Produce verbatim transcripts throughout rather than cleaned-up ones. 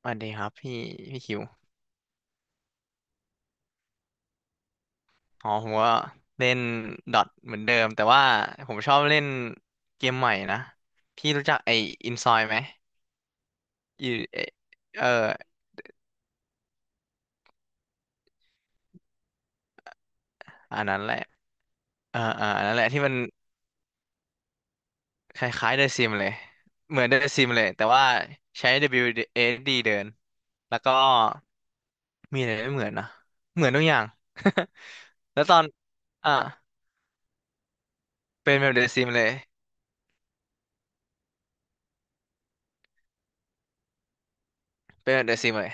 สวัสดีครับพี่พี่คิวอ๋อผมก็เล่นดอทเหมือนเดิมแต่ว่าผมชอบเล่นเกมใหม่นะพี่รู้จักไอ้อินซอยไหมอีเอเอออันนั้นแหละเออเอออันนั้นแหละที่มันคล้ายๆเดซิมเลยเหมือนเดซิมเลยแต่ว่าใช้ ดับเบิลยู เอส ดี เบิลยูเอสดเดินแล้วก็มีอะไรไม่เหมือนนะเหมือนทุกอย่าง แล้วตอนอ่าเป็นแบบเดซิมเลยเป็นแบบเดซิมเลย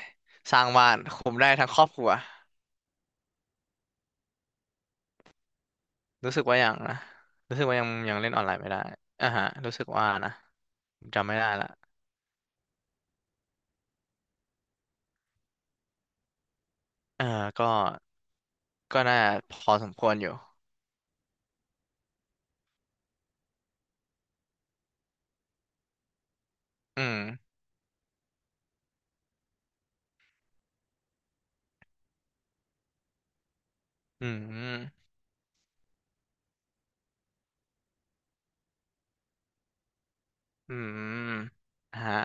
สร้างบ้านคุมได้ทั้งครอบครัว รู้สึกว่ายังนะรู้สึกว่ายังยังเล่นออนไลน์ไม่ได้อ่าฮะรู้สึกว่านะผมจำไม่ได้ละเออก็ก็น่าพอสมควรอยู่อืมอืมอืมนะฮะ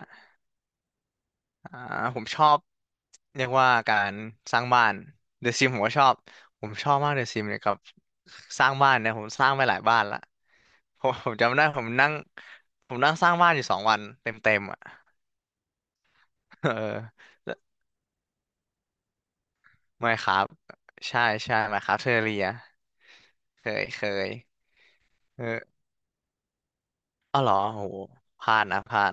อ่าผมชอบเรียกว่าการสร้างบ้านเดอะซิมผมก็ชอบผมชอบมากเดอะซิมเนี่ยกับสร้างบ้านเนี่ยผมสร้างไปหลายบ้านละผมผมจำได้ผมนั่งผมนั่งสร้างบ้านอยู่สองวันเต็มเต็มอ่ะเออไม่ครับใช่ใช่ไหมครับเทอเรียเคยเคย เอออ้าวเหรอโหพลาดนะพลาด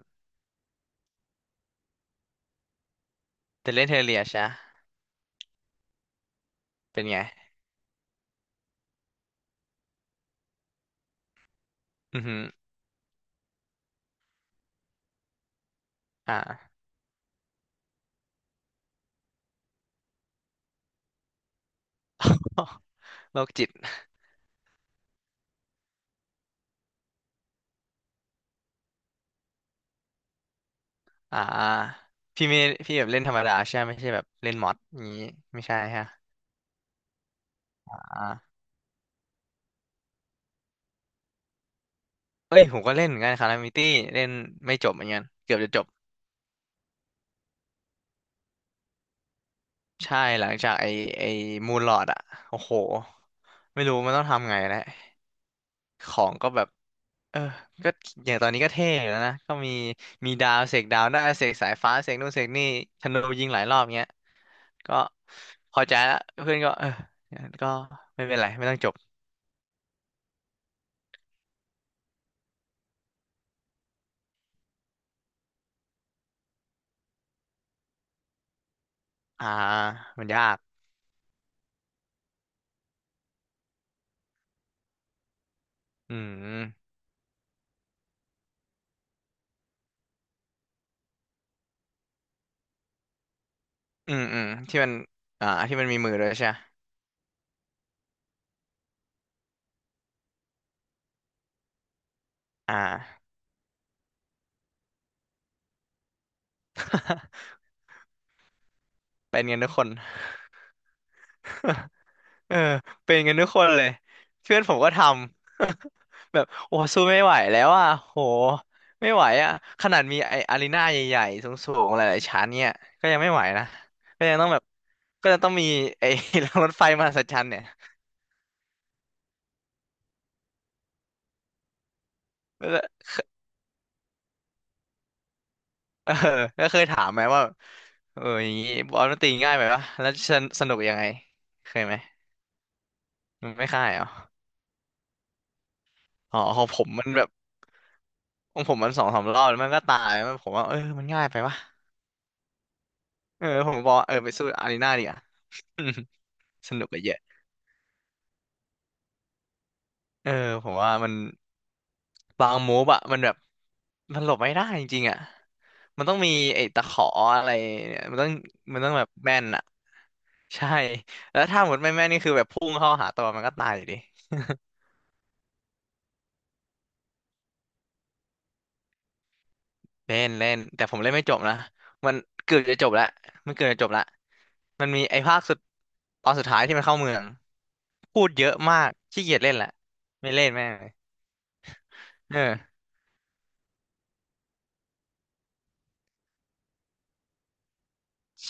แต่เล่นเทเรียใช่เป็นไงอือหืออ่า โรคจิตอ่าพี่ไม่พี่แบบเล่นธรรมดาใช่ไหมไม่ใช่แบบเล่นมอดอย่างนี้ไม่ใช่ฮะอ่าเอ้ยผมก็เล่นเหมือนกันคารามิตี้เล่นไม่จบเหมือนกันเกือบจะจบ ใช่ หลังจากไอไอมูนลอดอะโอ้โห ไม่รู้มันต้องทำไงแล้วของก็แบบ เออก็อย่างตอนนี้ก็เท่อยู่แล้วนะก็มีมีดาวเสกดาวได้เสกสายฟ้าเสกนู่นเสกนี่ธนูยิงหลายรอบเงี้ย ก็พอใจละเพื่อนก็เออก็ไม่เป็นไรไม่ต้องจบ อ่ามันยาก อืม อืม อืมที่มันอ่าที่มันมีมือด้วยใช่ไหมอ่าเป็นกันทุกคน เออเป็นกันทุกคนเลยเพื่อนผมก็ทำ แบบโอ้สู้ไม่ไหวแล้วอ่ะโหไม่ไหวอ่ะขนาดมีไออารีนาใหญ่ๆสูงๆหลายๆชั้นเนี่ยก็ยังไม่ไหวนะก็ยังต้องแบบก็จะต้องมีไอ้ รางรถไฟมหัศจรรย์เนี่ยก็เออก็เคยถามไหมว่าเอออย่างงี้บอลมันตีง่ายไหมวะแล้วสนสนุกยังไงเคยไหมมันไม่ค่ายเหรออ๋อของผมมันแบบของผมมันสองสามรอบแล้วมันก็ตายมันผมว่าเออมันง่ายไปวะเออผมบอกว่าเออไปสู้อารีนาดีกว่า สนุกอะเยอะ เออ ผมว่ามันบางมูฟอะมันแบบมันหลบไม่ได้จริงๆอะมันต้องมีไอ้ตะขออะไรเนี่ยมันต้องมันต้องแบบแม่นอะใช่ แล้วถ้าหมดไม่แม่นนี่คือแบบพุ่งเข้าหาตัวมันก็ตายอยู่ดีเล่นเล่นแต่ผมเล่นไม่จบนะมันเกือบจะจบแล้วมันเกือบจะจบแล้วมันมีไอ้ภาคสุดตอนสุดท้ายที่มันเข้าเมืองพูดเยอะมากขี้เกียจเล่นแหละไม่เล่นแม่งเลยเออ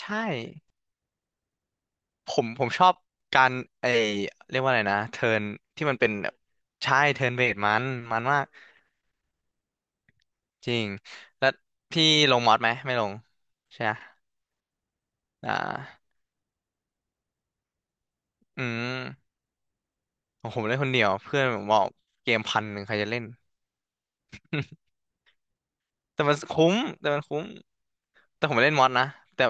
ใช่ ผมผมชอบการไอเรียกว่าอะไรนะเทิร์นที่มันเป็นแบบใช่เทิร์นเวทมันมันมากจริงแล้วพี่ลงมอดไหมไม่ลงใช่ไหมอ่าอืมของผมเล่นคนเดียวเพื่อนผมบอกเกมพันหนึ่งใครจะเล่นแต่มันคุ้มแต่มันคุ้มแต่ผมไม่เล่นมอดนะแต่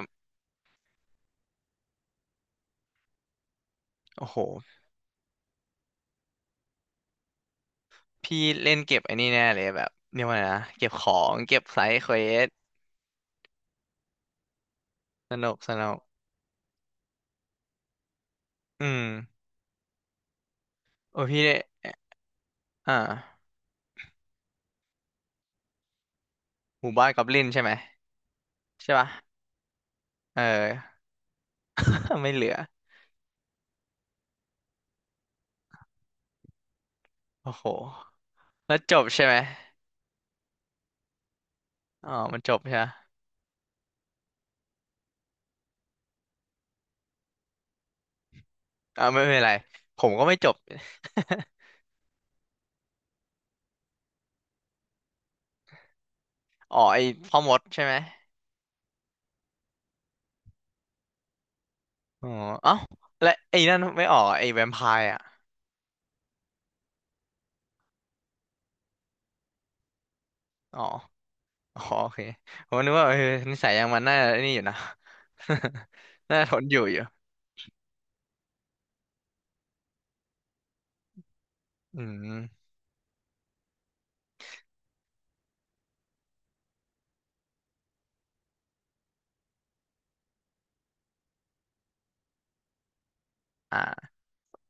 โอ้โหพี่เล่นเก็บไอ้นี่แน่เลยแบบเรียกว่าอไงนะเก็บของเก็บไซด์เควสสนุกสนุกอืมโอ้ยพี่ได้อ่าหมู่บ้านกอบลินใช่ไหมใช่ปะเออ ไม่เหลือ โอ้โหแล้วจบใช่ไหมอ๋อมันจบใช่ไหมอ่าไม่เป็นไรผมก็ไม่จบ อ๋อไอ้พ่อมดใช่ไหมอ๋อเอ้าและไอ้นั่นไม่ออกไอ้แวมไพร์อ่ะอ๋ออ๋อโอเคผมนึกว่าเออนิสัยอย่างมันน่าไอ้นี่อยู่นะ น่าทนอยู่อยู่อืมอ่า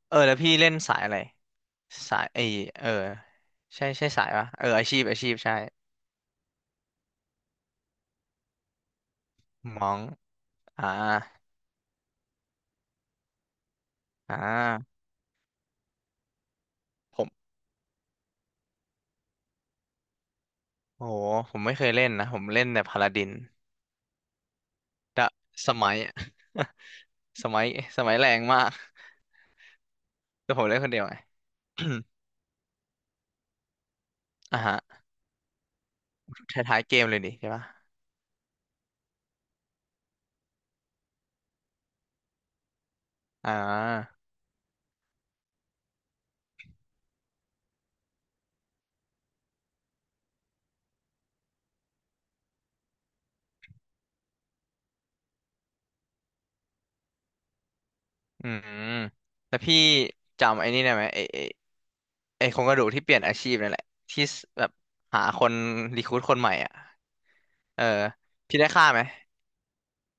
เออแล้วพี่เล่นสายอะไรสายไอเออใช่ใช่สายปะเอออาชีพอาชีพใช่มองอ่าอ่าผมโอ้โหผมไม่เคยเล่นนะผมเล่นแต่พาลาดิน ดะสมัย อะสมัยสมัยแรงมากแต่ผมเล่นคนเดียวไง อ่ะฮะท้ายๆเกมเลยดิใช่ปะอ่าอืมแต่พี่จำไอ้นี่ได้ไหมไอ้ไอ้ไอ้โครงกระดูกที่เปลี่ยนอาชีพนั่นแหละที่สแบบหาคนรีครูทคนใหม่อ่ะเออพี่ได้ฆ่าไหม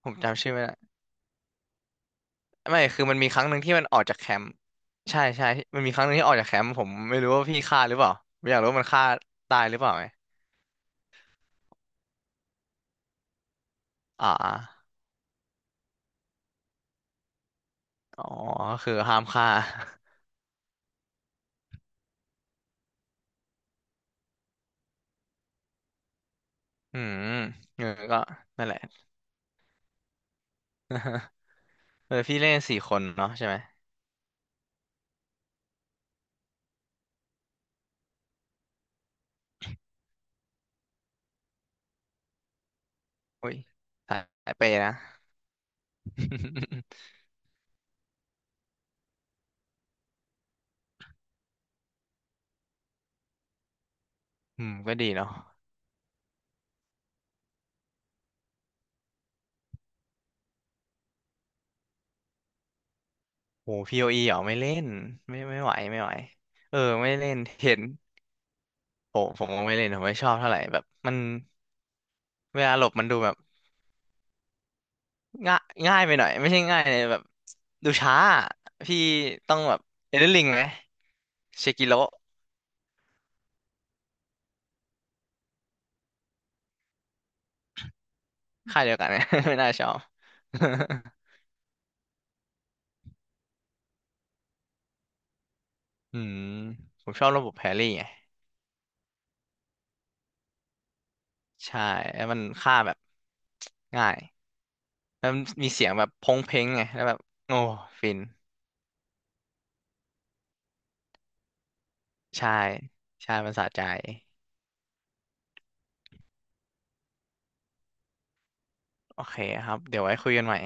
ผมจำชื่อไม่ได้ไม่คือมันมีครั้งหนึ่งที่มันออกจากแคมป์ใช่ใช่มันมีครั้งหนึ่งที่ออกจากแคมป์ผมไม่รู้ว่าพี่ฆ่าหรือเปล่าไม่อยากรู้ว่ามันฆ่าตายหรือเปล่าไหมอ่าอ๋อคือห้ามฆ่า อืมเออก็นั่นแหละ เออพี่เล่นสี่คนเนาะใช่ไหมโอุ้ยสายเปย์นะ อืมก็ดีเนาะโหพีโออีเหรอไม่เล่นไม่ไม่ไหวไม่ไหวเออไม่เล่น เห็นโหผมก็ไม่เล่นผมไม่ชอบเท่าไหร่แบบมันเวลาหลบมันดูแบบง่ายง่ายไปหน่อยไม่ใช่ง่ายเลยแบบดูช้าอะพี่ต้องแบบเอเดนลิงไหมเชกิโลค่ายเดียวกันไหม ไม่น่าชอบ อืมผมชอบระบบแพรี่ไง ใช่แล้วมันฆ่าแบบง่ายแล้วมันมีเสียงแบบพงเพงไงแล้วแบบโอ้ฟินใช่ใช่มันสะใจโอเคครับเดี๋ยวไว้คุยกันใหม่